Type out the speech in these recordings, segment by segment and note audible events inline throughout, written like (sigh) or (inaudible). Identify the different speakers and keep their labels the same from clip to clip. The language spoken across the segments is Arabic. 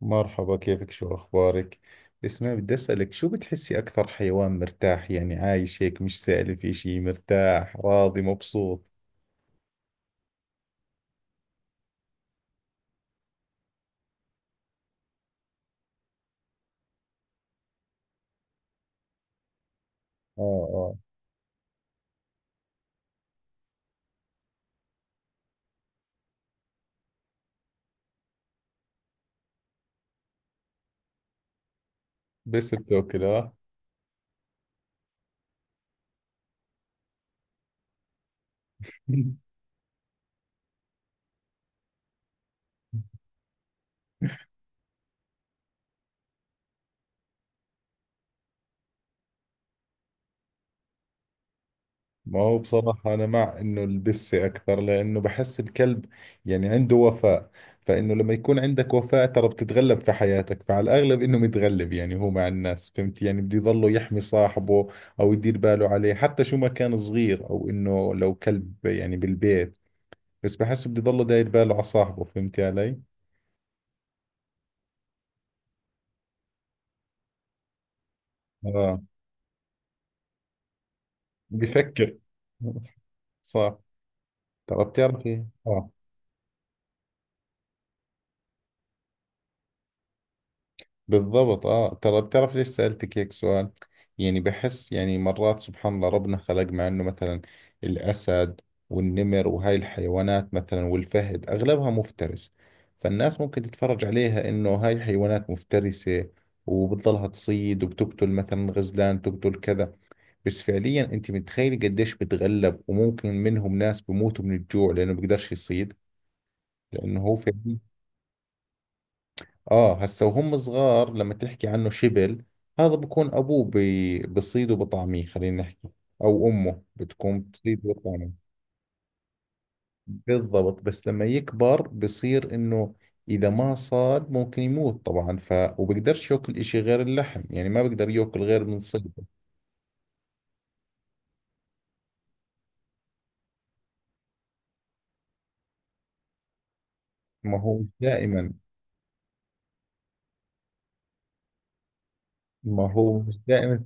Speaker 1: مرحبا، كيفك؟ شو أخبارك؟ اسمعي، بدي أسألك شو بتحسي أكثر حيوان مرتاح، يعني عايش هيك مش سائل في شيء، مرتاح راضي مبسوط؟ آه. آه. بس بتاكل. آه. (laughs) ما هو بصراحة أنا مع إنه البسة أكثر، لأنه بحس الكلب يعني عنده وفاء. فإنه لما يكون عندك وفاء ترى بتتغلب في حياتك، فعلى الأغلب إنه متغلب، يعني هو مع الناس، فهمت يعني. بده يظله يحمي صاحبه أو يدير باله عليه، حتى شو ما كان صغير أو إنه لو كلب يعني بالبيت. بس بحس بده يضله داير باله على صاحبه، فهمتي علي؟ اه. بفكر. صح. ترى بتعرفي؟ اه. بالضبط. اه. ترى بتعرف ليش سألتك هيك سؤال؟ يعني بحس، يعني مرات سبحان الله ربنا خلق، مع انه مثلا الأسد والنمر وهاي الحيوانات مثلا والفهد أغلبها مفترس. فالناس ممكن تتفرج عليها انه هاي حيوانات مفترسة، وبتضلها تصيد وبتقتل مثلا غزلان، تقتل كذا. بس فعليا انت متخيل قديش بتغلب، وممكن منهم ناس بموتوا من الجوع لانه بيقدرش يصيد، لانه هو فعليا. اه، هسا وهم صغار، لما تحكي عنه شبل، هذا بكون ابوه بصيد وبطعميه، خلينا نحكي، او امه بتكون بتصيد وبطعميه. بالضبط، بس لما يكبر بصير انه اذا ما صاد ممكن يموت طبعا، ف وبقدرش ياكل اشي غير اللحم، يعني ما بقدر ياكل غير من صيده. ما هو مش دائما. ما هو مش دائما.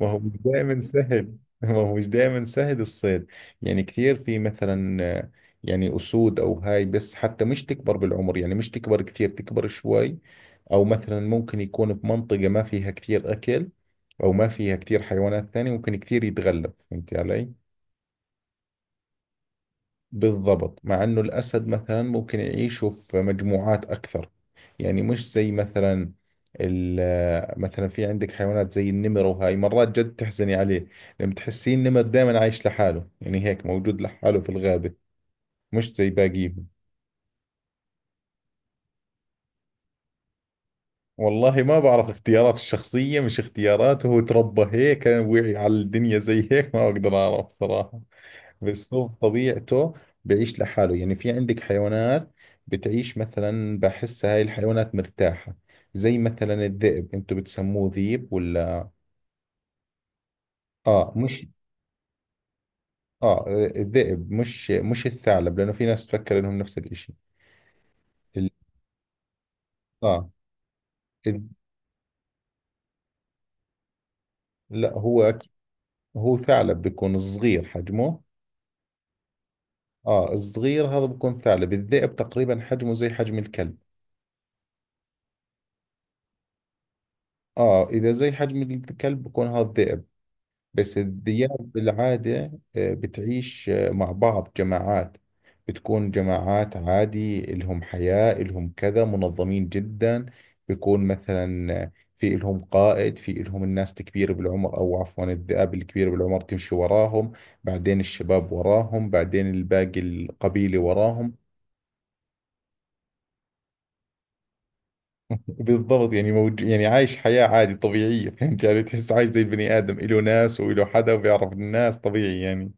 Speaker 1: ما هو مش دائما سهل. (laughs) ما هو مش دائما سهل الصيد. يعني كثير في مثلا يعني أسود أو هاي، بس حتى مش تكبر بالعمر، يعني مش تكبر كثير، تكبر شوي، أو مثلا ممكن يكون في منطقة ما فيها كثير أكل، أو ما فيها كثير حيوانات ثانية، ممكن كثير يتغلب. فهمتي علي؟ بالضبط، مع انه الاسد مثلا ممكن يعيشوا في مجموعات اكثر، يعني مش زي مثلا، مثلا في عندك حيوانات زي النمر، وهاي مرات جد تحزني عليه. لما تحسين النمر دائما عايش لحاله، يعني هيك موجود لحاله في الغابة، مش زي باقيهم. والله ما بعرف اختيارات الشخصية، مش اختياراته هو، تربى هيك وعي على الدنيا زي هيك، ما اقدر اعرف صراحة. بالضبط، طبيعته بيعيش لحاله. يعني في عندك حيوانات بتعيش مثلا، بحس هاي الحيوانات مرتاحة، زي مثلا الذئب، انتوا بتسموه ذيب ولا؟ اه مش اه الذئب، مش الثعلب، لانه في ناس تفكر انهم نفس الاشي. ال- اه ال- لا هو، هو ثعلب بيكون صغير حجمه، اه الصغير هذا بيكون ثعلب. الذئب تقريبا حجمه زي حجم الكلب. اه، اذا زي حجم الكلب بيكون هذا الذئب. بس الذئاب بالعادة بتعيش مع بعض جماعات. بتكون جماعات عادي، إلهم حياة إلهم كذا، منظمين جدا. بيكون مثلا في إلهم قائد، في إلهم الناس الكبيرة بالعمر، أو عفوا الذئاب الكبيرة بالعمر تمشي وراهم، بعدين الشباب وراهم، بعدين الباقي القبيلة وراهم. (laughs) بالضبط، يعني يعني عايش حياة عادي طبيعية. فهمت يعني، تحس عايش زي البني آدم، إله ناس وإله حدا، وبيعرف الناس طبيعي يعني.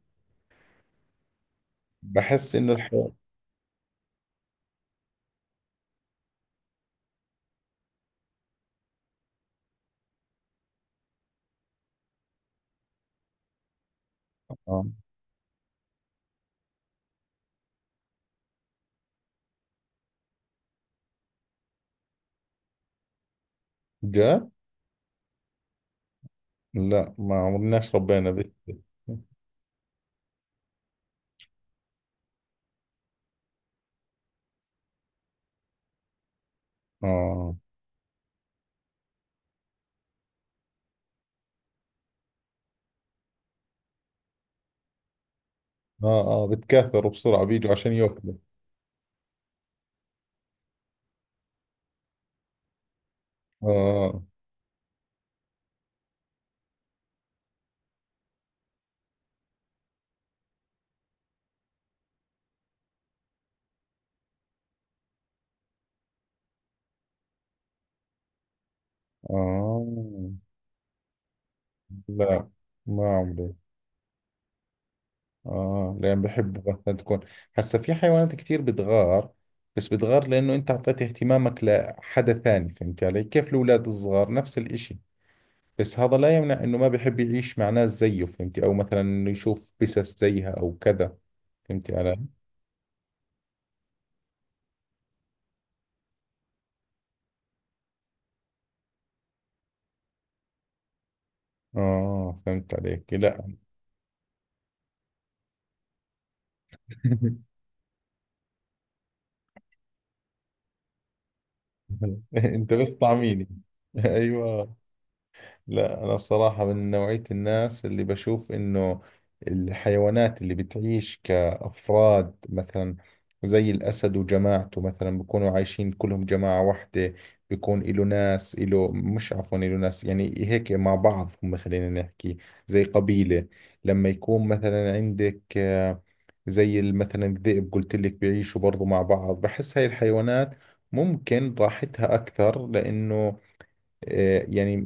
Speaker 1: بحس إنه الحياة. آه. جاء. لا، ما عمرناش ربينا ذي. آه. آه. آه، بتكاثروا بسرعة، بيجوا عشان يأكلوا. آه. آه. لا، ما عمري. آه، لأن بحبوا مثلا تكون، هسا في حيوانات كثير بتغار، بس بتغار لأنه أنت أعطيت اهتمامك لحدا ثاني، فهمت علي كيف؟ الأولاد الصغار نفس الإشي. بس هذا لا يمنع إنه ما بحب يعيش مع ناس زيه، فهمتي، أو مثلا إنه يشوف بسس زيها أو كذا. فهمتي علي؟ آه، فهمت عليك. لا. (laughs) (laughs) انت بس طعميني. (laughs) ايوه. لا، أنا بصراحة من نوعية الناس اللي بشوف إنه الحيوانات اللي بتعيش كأفراد مثلا، زي الأسد وجماعته مثلا بيكونوا عايشين كلهم جماعة واحدة، بيكون إله ناس، إله، مش، عفوا، إله ناس، يعني هيك مع بعض هم، خلينا نحكي زي قبيلة. لما يكون مثلا عندك زي مثلا الذئب، قلت لك بيعيشوا برضو مع بعض، بحس هاي الحيوانات ممكن راحتها أكثر، لأنه يعني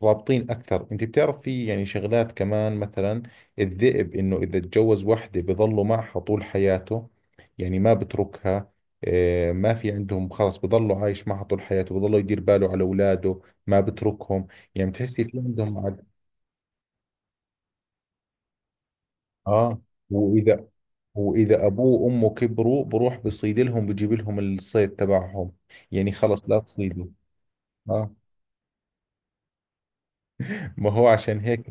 Speaker 1: مترابطين اكثر. انت بتعرف في يعني شغلات كمان، مثلا الذئب، انه اذا تجوز وحده بظلوا معها طول حياته، يعني ما بتركها. ما في عندهم خلص، بظلوا عايش معها طول حياته، بظلوا يدير باله على اولاده، ما بتركهم. يعني بتحسي في عندهم اه. واذا واذا ابوه وامه كبروا، بروح بصيد لهم، بجيب لهم الصيد تبعهم، يعني خلص لا تصيدوا. اه، ما هو عشان هيك.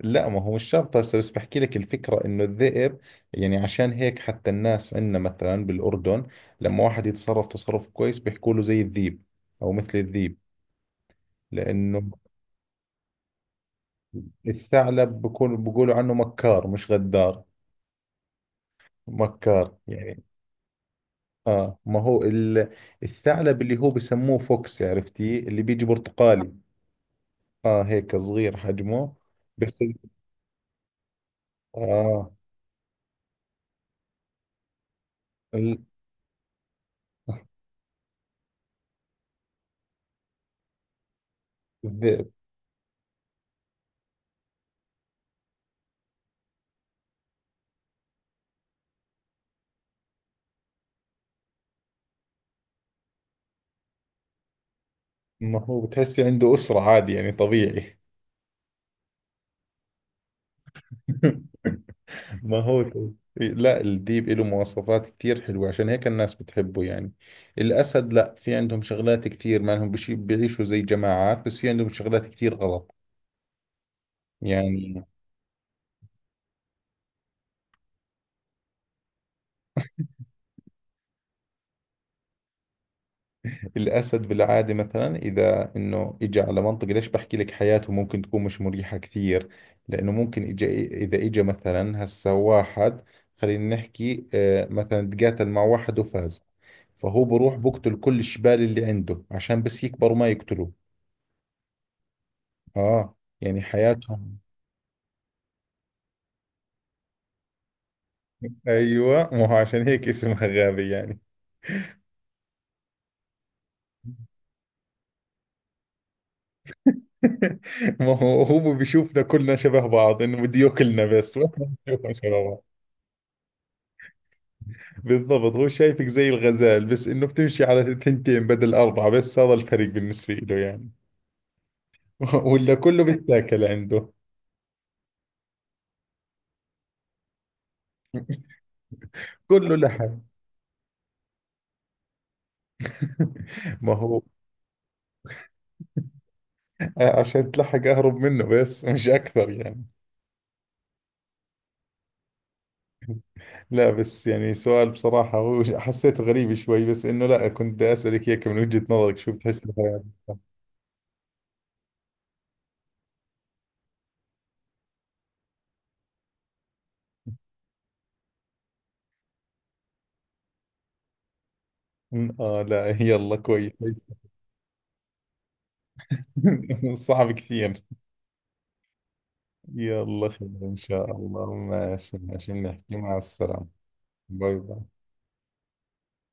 Speaker 1: لا، ما هو مش شرط هسه، بس بحكي لك الفكرة انه الذئب، يعني عشان هيك حتى الناس عندنا مثلا بالاردن، لما واحد يتصرف تصرف كويس بيحكوا له زي الذيب، او مثل الذيب، لانه الثعلب بكون بيقولوا عنه مكار، مش غدار. مكار يعني. اه، ما هو الثعلب اللي هو بسموه فوكس، عرفتي اللي بيجي برتقالي؟ اه، هيك صغير حجمه. بس اه ال- الذئب. ما هو بتحسي عنده أسرة عادي، يعني طبيعي. (laughs) ما هو كده. لا، الديب له مواصفات كتير حلوة، عشان هيك الناس بتحبه يعني. الأسد لا، في عندهم شغلات كتير ما لهم بشي، بيعيشوا زي جماعات، بس في عندهم شغلات كتير غلط يعني. الأسد بالعادة مثلا، إذا إنه إجا على منطقة، ليش بحكي لك حياته ممكن تكون مش مريحة كثير؟ لأنه ممكن إجا، إذا إجا مثلا هسا واحد، خلينا نحكي، مثلا تقاتل مع واحد وفاز، فهو بروح بقتل كل الشبال اللي عنده عشان بس يكبروا ما يقتلوه. اه، يعني حياتهم. ايوه، ما هو عشان هيك اسمها غابة يعني. (laughs) ما هو هو بيشوفنا كلنا شبه بعض، انه بده ياكلنا بس. (laughs) ما إحنا بنشوفنا شبه بعض. بالضبط، هو شايفك زي الغزال، بس انه بتمشي على ثنتين بدل اربعة، بس هذا الفرق بالنسبة له يعني. (laughs) ولا كله بيتاكل عنده، كله لحم. (laughs) ما هو عشان تلحق اهرب منه بس، مش اكثر يعني. لا، بس يعني سؤال بصراحة، هو حسيته غريب شوي، بس إنه لا، كنت بدي أسألك إياك من وجهة نظرك شو بتحس مثلا. لا، يلا كويس. (laughs) صعب كثير. يلا خير إن شاء الله، ماشي ماشي، نحكي، مع السلامة. باي باي.